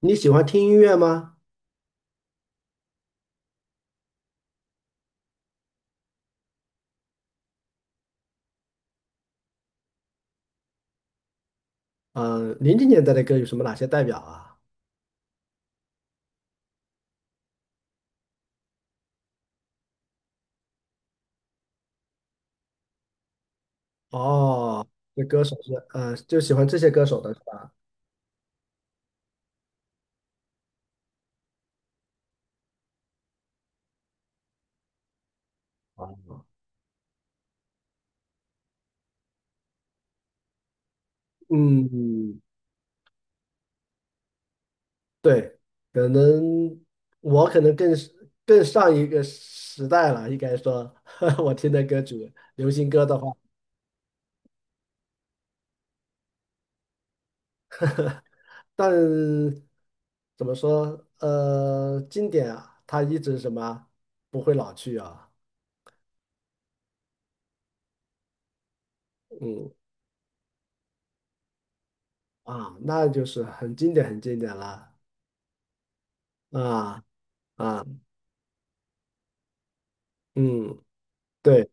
你喜欢听音乐吗？嗯、零零年代的歌有什么哪些代表啊？哦，那歌手是，就喜欢这些歌手的是吧？啊，嗯，对，可能我可能更是更上一个时代了，应该说，我听的歌曲，流行歌的话，但怎么说，经典啊，它一直什么不会老去啊，嗯啊，那就是很经典，很经典了啊。啊，嗯，对，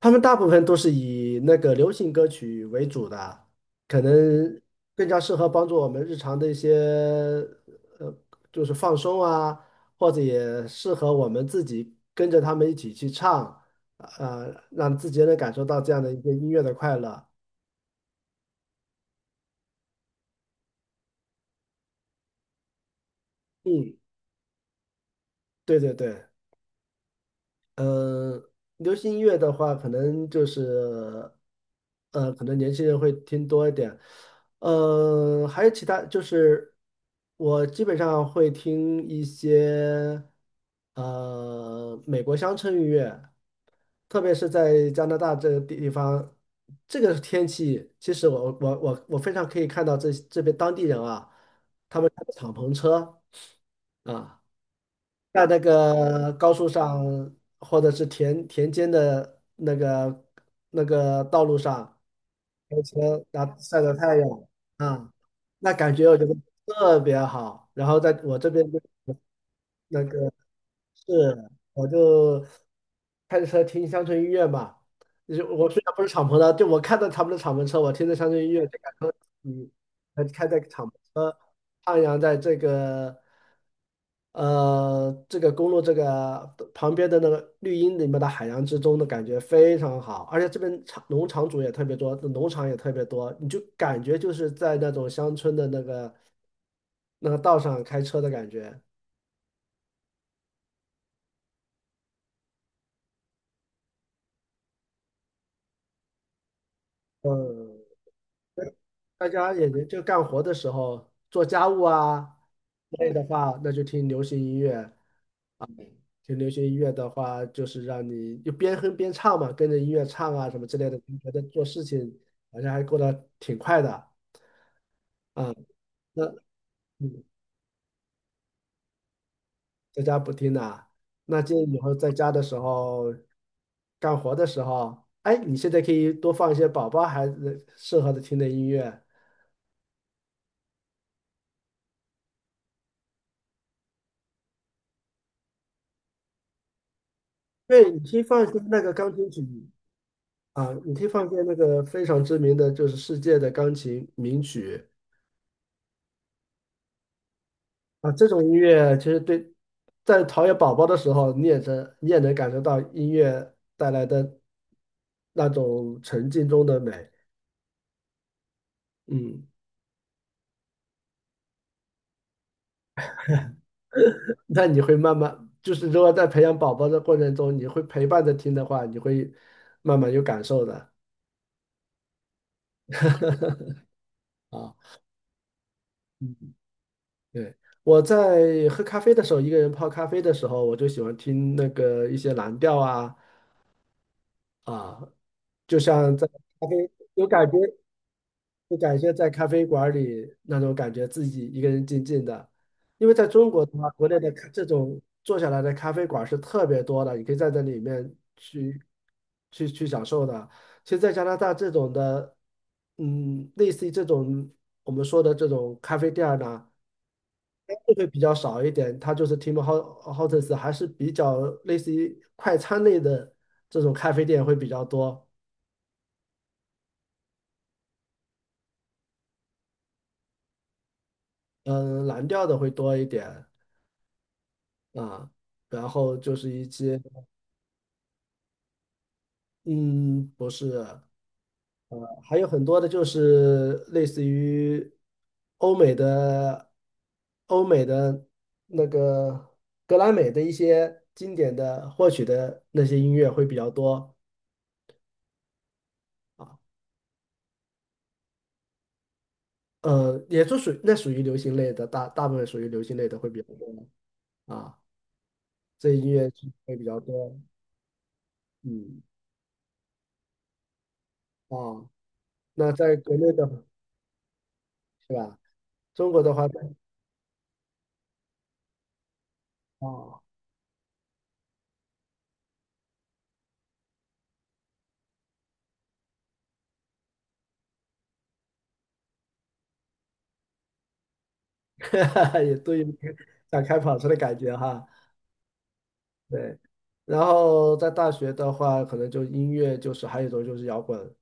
他们大部分都是以那个流行歌曲为主的，可能更加适合帮助我们日常的一些呃，就是放松啊，或者也适合我们自己跟着他们一起去唱，让自己能感受到这样的一些音乐的快乐。嗯，对对对，嗯，流行音乐的话，可能就是，可能年轻人会听多一点。还有其他，就是我基本上会听一些，美国乡村音乐，特别是在加拿大这个地方，这个天气，其实我非常可以看到这边当地人啊，他们开着敞篷车啊。在那个高速上或者是田间的那个道路上开车，然后晒着太阳啊，那感觉我觉得特别好。然后在我这边就那个是，我就开着车听乡村音乐嘛，就是我虽然不是敞篷的，就我看到他们的敞篷车，我听着乡村音乐就感觉嗯，开在敞篷徜徉在这个。这个公路这个旁边的那个绿荫里面的海洋之中的感觉非常好，而且这边农场主也特别多，农场也特别多，你就感觉就是在那种乡村的那个那个道上开车的感觉。嗯，大家也就干活的时候做家务啊累的话，那就听流行音乐。听流行音乐的话，就是让你就边哼边唱嘛，跟着音乐唱啊什么之类的，就觉得做事情好像还过得挺快的。啊，那嗯，在家不听呐、那建议以后在家的时候，干活的时候，哎，你现在可以多放一些宝宝孩子适合的听的音乐。对，你可以放一些那个钢琴曲啊，你可以放一些那个非常知名的，就是世界的钢琴名曲啊。这种音乐其实对，在陶冶宝宝的时候，你也能你也能感受到音乐带来的那种沉浸中的美。嗯。那你会慢慢，就是如果在培养宝宝的过程中，你会陪伴着听的话，你会慢慢有感受的啊。嗯对，我在喝咖啡的时候，一个人泡咖啡的时候，我就喜欢听那个一些蓝调啊啊，就像在咖啡有感觉，就感觉在咖啡馆里那种感觉，自己一个人静静的。因为在中国的话，国内的咖这种坐下来的咖啡馆是特别多的，你可以在这里面去享受的。其实，在加拿大这种的，嗯，类似于这种我们说的这种咖啡店儿呢，就会比较少一点。它就是 Tim Hortons 还是比较类似于快餐类的这种咖啡店会比较多，嗯，蓝调的会多一点。啊，然后就是一些，嗯，不是，还有很多的，就是类似于欧美的、欧美的那个格莱美的一些经典的获取的那些音乐会比较多啊，也就属于流行类的，大部分属于流行类的会比较多啊，这音乐剧会比较多，嗯，啊，那在国内的是吧？中国的话，啊。也对应 想开跑车的感觉哈。对，然后在大学的话，可能就音乐就是还有一种就是摇滚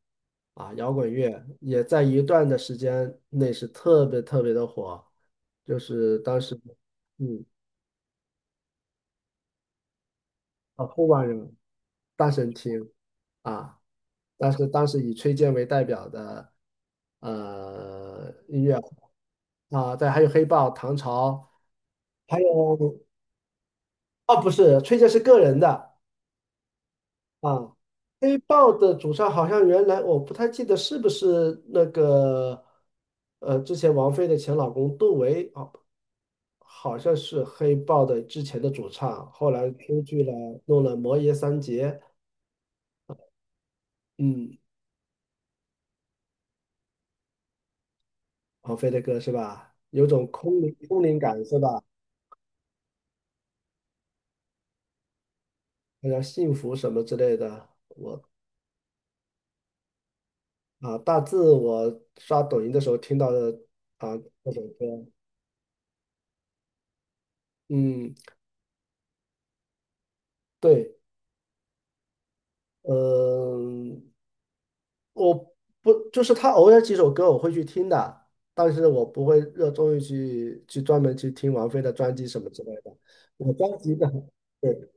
啊，摇滚乐也在一段的时间内是特别特别的火，就是当时嗯啊后浪人大神听啊，但是当时以崔健为代表的音乐啊，对，还有黑豹、唐朝，还有哦不是崔健是个人的。啊，黑豹的主唱好像原来我不太记得是不是那个，之前王菲的前老公窦唯啊，好像是黑豹的之前的主唱，后来出去了，弄了《魔爷三杰》，嗯，王菲的歌是吧？有种空灵空灵感是吧？好像幸福什么之类的，我啊，大致我刷抖音的时候听到的啊，这首歌，嗯，对，嗯、我不就是他偶尔几首歌我会去听的，但是我不会热衷于去专门去听王菲的专辑什么之类的。我专辑的，对，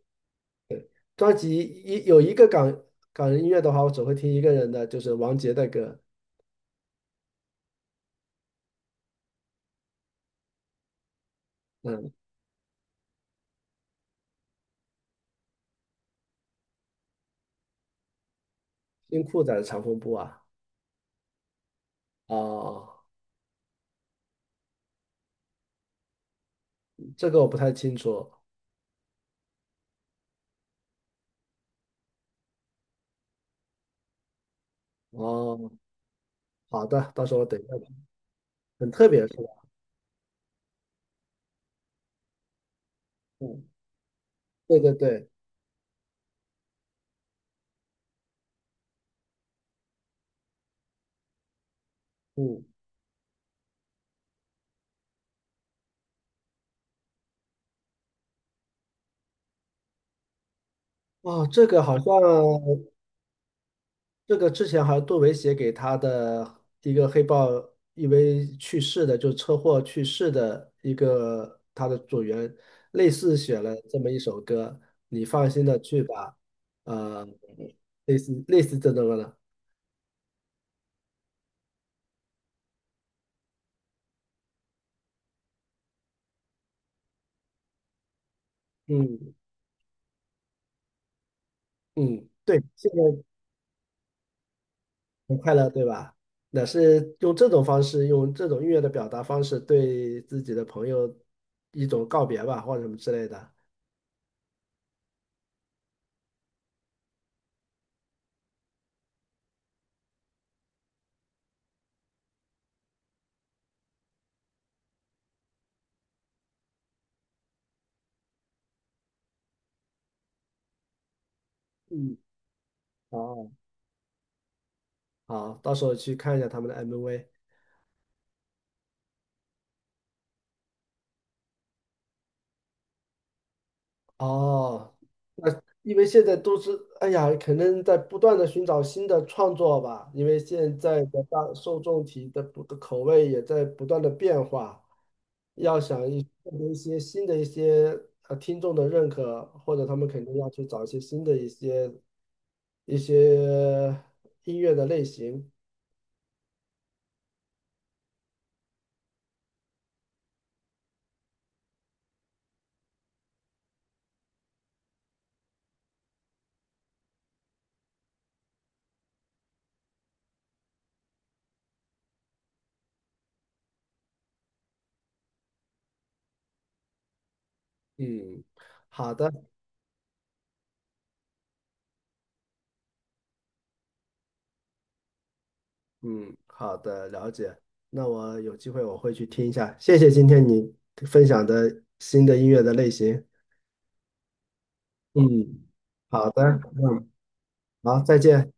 专辑一有一个港人音乐的话，我只会听一个人的，就是王杰的歌。嗯，听酷仔的《长风布啊？哦，这个我不太清楚。哦，好的，到时候我等一下吧。很特别是吧？嗯，对对对，嗯，哦，这个好像。这个之前好像杜维写给他的一个黑豹，因为去世的，就是车祸去世的一个他的组员，类似写了这么一首歌，你放心的去吧，呃，类似这种的，嗯嗯，对，现在很快乐，对吧？那是用这种方式，用这种音乐的表达方式，对自己的朋友一种告别吧，或者什么之类的。嗯，好，好，到时候去看一下他们的 MV。哦，那因为现在都是，哎呀，可能在不断的寻找新的创作吧，因为现在的大受众体的不的口味也在不断的变化，要想一获得一些新的一些听众的认可，或者他们肯定要去找一些新的一些一些音乐的类型。嗯，好的。嗯，好的，了解。那我有机会我会去听一下。谢谢今天你分享的新的音乐的类型。嗯，好的，嗯，好，再见。